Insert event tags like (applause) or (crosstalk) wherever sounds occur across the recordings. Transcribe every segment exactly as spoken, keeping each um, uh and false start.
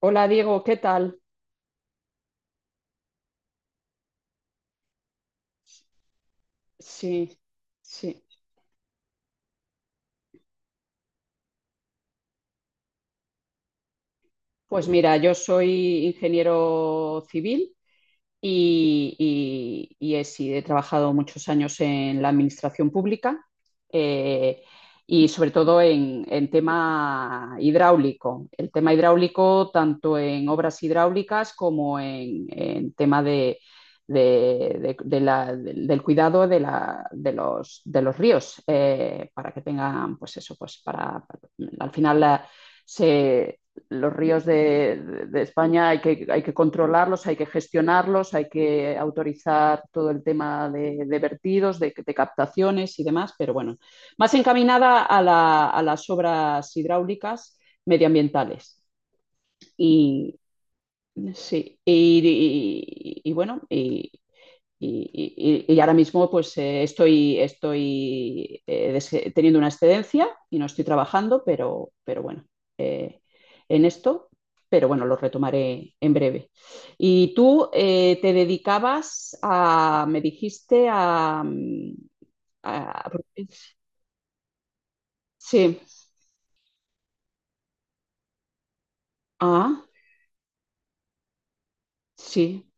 Hola Diego, ¿qué tal? Sí, sí. Pues mira, yo soy ingeniero civil y, y- y he, sí, he trabajado muchos años en la administración pública eh, y sobre todo en, en tema hidráulico. El tema hidráulico tanto en obras hidráulicas como en, en tema de, de- de- de la- del del cuidado de, la- de los, de los ríos eh, para que tengan, pues eso, pues para, para- al final la- se los ríos de, de, de España hay que, hay que controlarlos, hay que gestionarlos, hay que autorizar todo el tema de, de vertidos, de, de captaciones y demás, pero bueno, más encaminada a, la, a las obras hidráulicas medioambientales. Y sí, y, y, y bueno, y, y, y- y ahora mismo pues eh, estoy, estoy eh, teniendo una excedencia y no estoy trabajando, pero, pero bueno, eh, en esto, pero bueno, lo retomaré en breve. Y tú eh, te dedicabas a, me dijiste a... mm, a- sí, ah, sí,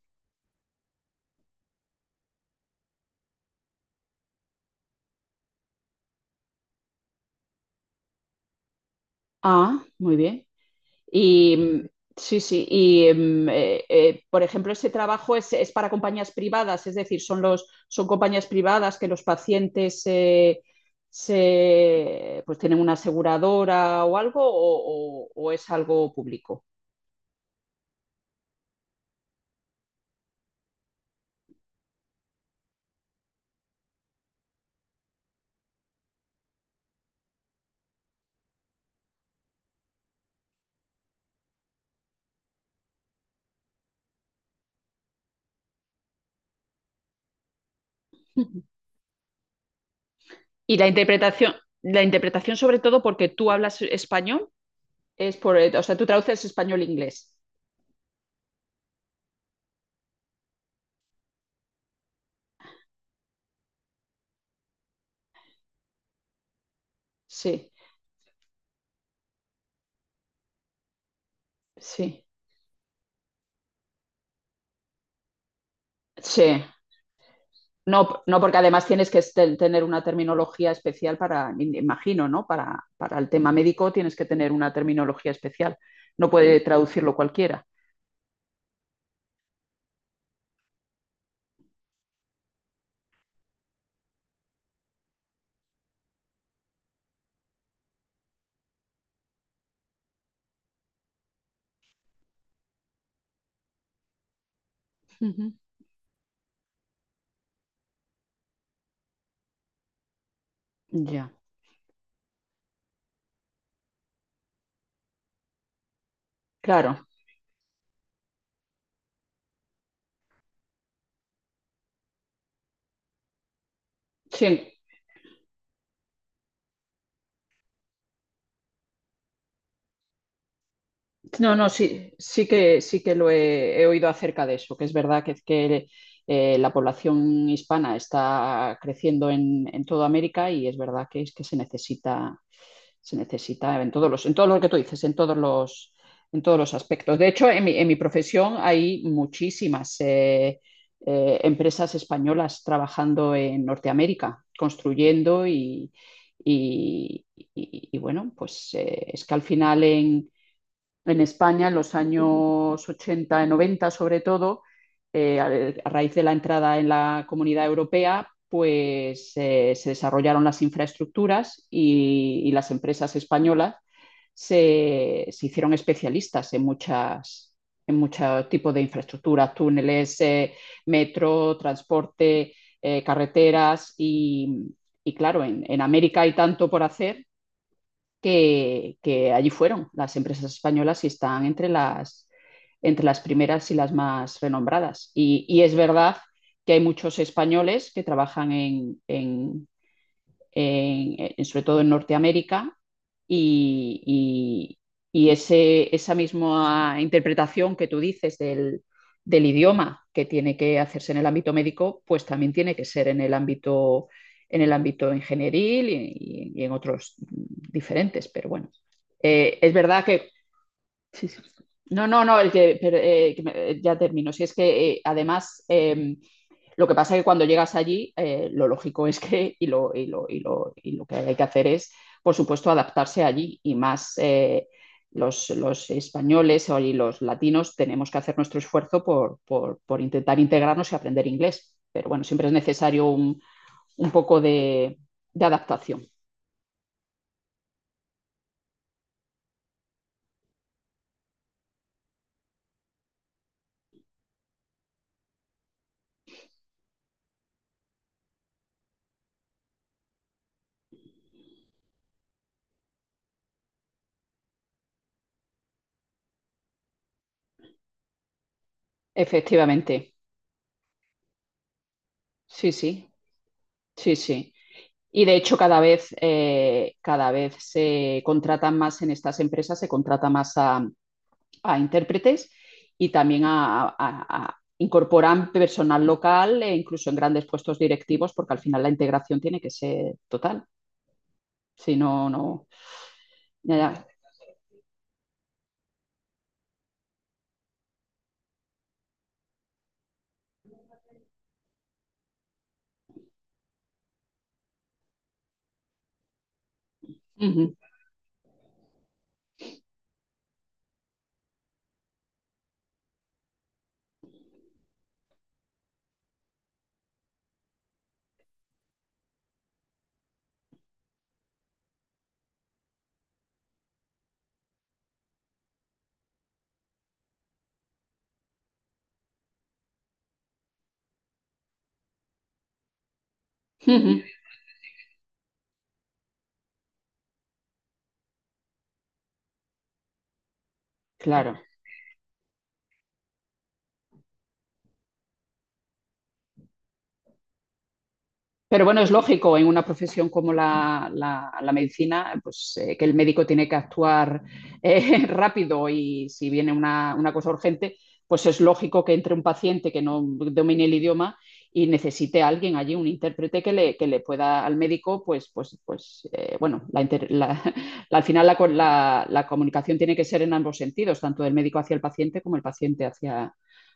ah, muy bien. Y mm, sí, sí. Y em, eh, eh, por ejemplo, ese trabajo es, es para compañías privadas, es decir, son los, son compañías privadas que los pacientes eh, se, pues tienen una aseguradora o algo, o, o- o es algo público. Y la interpretación, la interpretación sobre todo porque tú hablas español. Es por, eh, o sea, tú traduces español-inglés. Sí, sí, sí. No, no, porque además tienes que estel- tener una terminología especial para, me imagino, ¿no? Para, para el tema médico tienes que tener una terminología especial. No puede traducirlo cualquiera. Ujú. Ya, claro. Sí, en, no, no, sí, sí que sí que lo he, he oído acerca de eso, que es verdad que, que, eh, la población hispana está creciendo en, en toda América y es verdad que es que se necesita, se necesita en todos los, en todo lo que tú dices, en todos los, en todos los aspectos. De hecho, en mi, en mi profesión hay muchísimas eh, eh, empresas españolas trabajando en Norteamérica, construyendo y, y- y- y bueno, pues eh, es que al final en en España en los años ochenta y noventa, sobre todo, eh, a, a raíz de la entrada en la Comunidad Europea, pues eh, se desarrollaron las infraestructuras y, y las empresas españolas se, se, hicieron especialistas en muchas en muchos tipos de infraestructuras, túneles, eh, metro, transporte, eh, carreteras y, y claro, en, en América hay tanto por hacer que, que allí fueron. Las empresas españolas y están entre las, entre las primeras y las más renombradas. Y, y es verdad que hay muchos españoles que trabajan en, en, en- eh, en- sobre todo en Norteamérica, y, y- y ese- esa misma interpretación que tú dices del, del idioma que tiene que hacerse en el ámbito médico, pues también tiene que ser en el ámbito, en el ámbito ingenieril y, y en otros diferentes, pero bueno, Eh, es verdad que... sí, sí. No, no, no, el que, pero, eh, que me- eh, ya termino. Si es que eh, además em, lo que pasa es que cuando llegas allí, eh, lo lógico es que, y lo, y lo- y lo- y lo que hay que hacer es, por supuesto, adaptarse allí y más eh, los, los españoles o y los latinos tenemos que hacer nuestro esfuerzo por, por- por intentar integrarnos y aprender inglés. Pero bueno, siempre es necesario un, un poco de, de adaptación. Efectivamente, sí, sí. Sí, sí. Y de hecho cada vez, eh, cada vez se contratan más en estas empresas, se contrata más a, a intérpretes y también a, a- a- incorporan personal local e incluso en grandes puestos directivos, porque al final la integración tiene que ser total. Si no, no. Ya, ya. Ujú, ujú. Claro. Pero bueno, es lógico en una profesión como la, la- la medicina, pues eh, que el médico tiene que actuar eh, (laughs) rápido y si viene una, una cosa urgente, pues es lógico que entre un paciente que no domine el idioma y necesite a alguien allí, un intérprete que le, que le pueda al médico, pues, pues, pues eh, bueno, la inter- la- (laughs) la- al final la, co- la- la comunicación tiene que ser en ambos sentidos, tanto del médico hacia el paciente como el paciente hacia,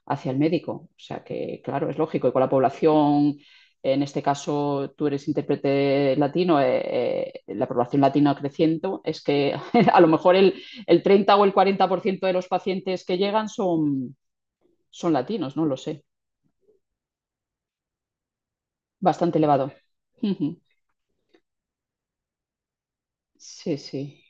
hacia el médico. O sea que, claro, es lógico. Y con la población en este caso, tú eres intérprete latino, eh, eh, la población latina creciendo, es que (laughs) a lo mejor el, el treinta o el cuarenta por ciento de los pacientes que llegan son, son latinos, no lo sé. Bastante elevado. Ujú. Sí, sí,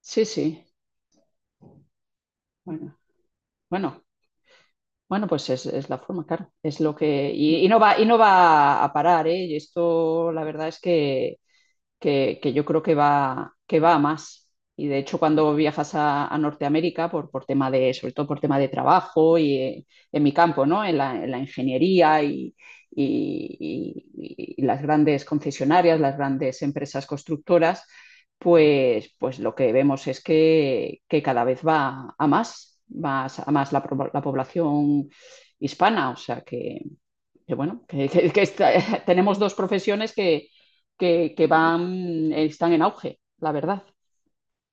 sí, sí. Bueno, bueno, bueno, pues es, es la forma, claro. Es lo que. Y, y no va, y no va a parar, ¿eh? Y esto, la verdad es que que, que yo creo que va, que va a más. Y de hecho, cuando viajas a, a Norteamérica, por, por tema de, sobre todo por tema de trabajo y eh, en mi campo, ¿no? En la, en la ingeniería y, y, y- y las grandes concesionarias, las grandes empresas constructoras, pues, pues lo que vemos es que, que cada vez va a más, más a más la, pro- la población hispana. O sea que que bueno, que, que- que está- (laughs) tenemos dos profesiones que, que- que van, están en auge, la verdad.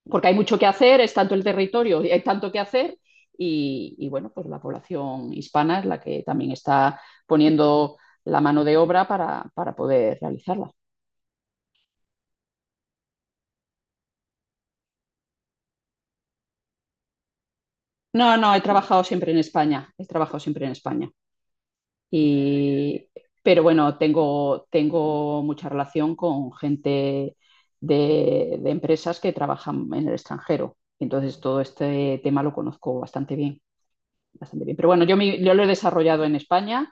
Porque hay mucho que hacer, es tanto el territorio, y hay tanto que hacer, y, y, bueno, pues la población hispana es la que también está poniendo la mano de obra para, para poder realizarla. No, no, he trabajado siempre en España, he trabajado siempre en España. Y, pero bueno, tengo, tengo mucha relación con gente de, de empresas que trabajan en el extranjero. Entonces todo este tema lo conozco bastante bien, bastante bien. Pero bueno, yo, mi- yo lo he desarrollado en España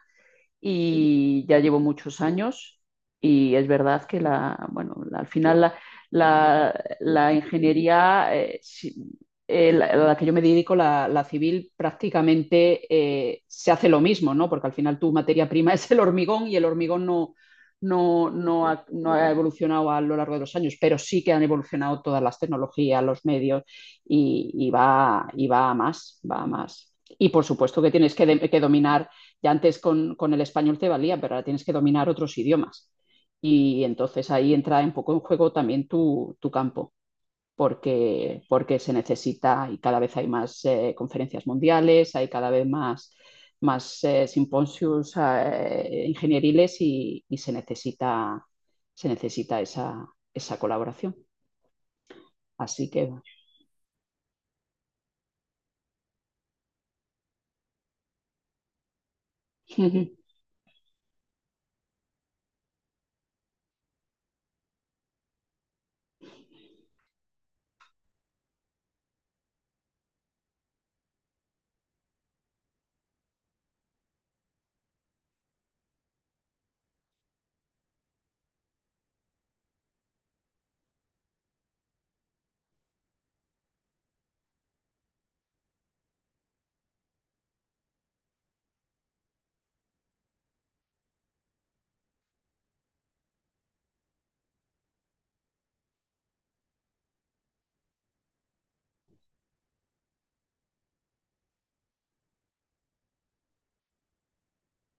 y ya llevo muchos años y es verdad que la, bueno, la- al final la, la- la ingeniería, eh, si- eh, la, a la que yo me dedico, la, la civil, prácticamente eh, se hace lo mismo, ¿no? Porque al final tu materia prima (laughs) es el hormigón y el hormigón no, no, no ha, no ha evolucionado a lo largo de los años, pero sí que han evolucionado todas las tecnologías, los medios y, y va, y va a más, va a más. Y por supuesto que tienes que, de- que dominar ya antes con, con el español te valía, pero ahora tienes que dominar otros idiomas. Y entonces ahí entra un poco en juego también tu, tu campo, porque, porque se necesita y cada vez hay más eh, conferencias mundiales, hay cada vez más, más eh, simposios eh, ingenieriles y, y se necesita, se necesita esa, esa colaboración. Así que... (laughs)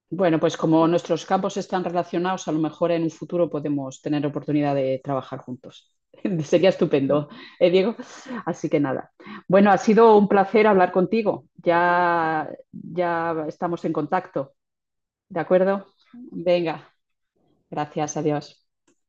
Bueno, pues como nuestros campos están relacionados, a lo mejor en un futuro podemos tener oportunidad de trabajar juntos. (laughs) Sería estupendo, ¿eh, Diego? Así que nada. Bueno, ha sido un placer hablar contigo. Ya, ya estamos en contacto, ¿de acuerdo? Venga, gracias, adiós.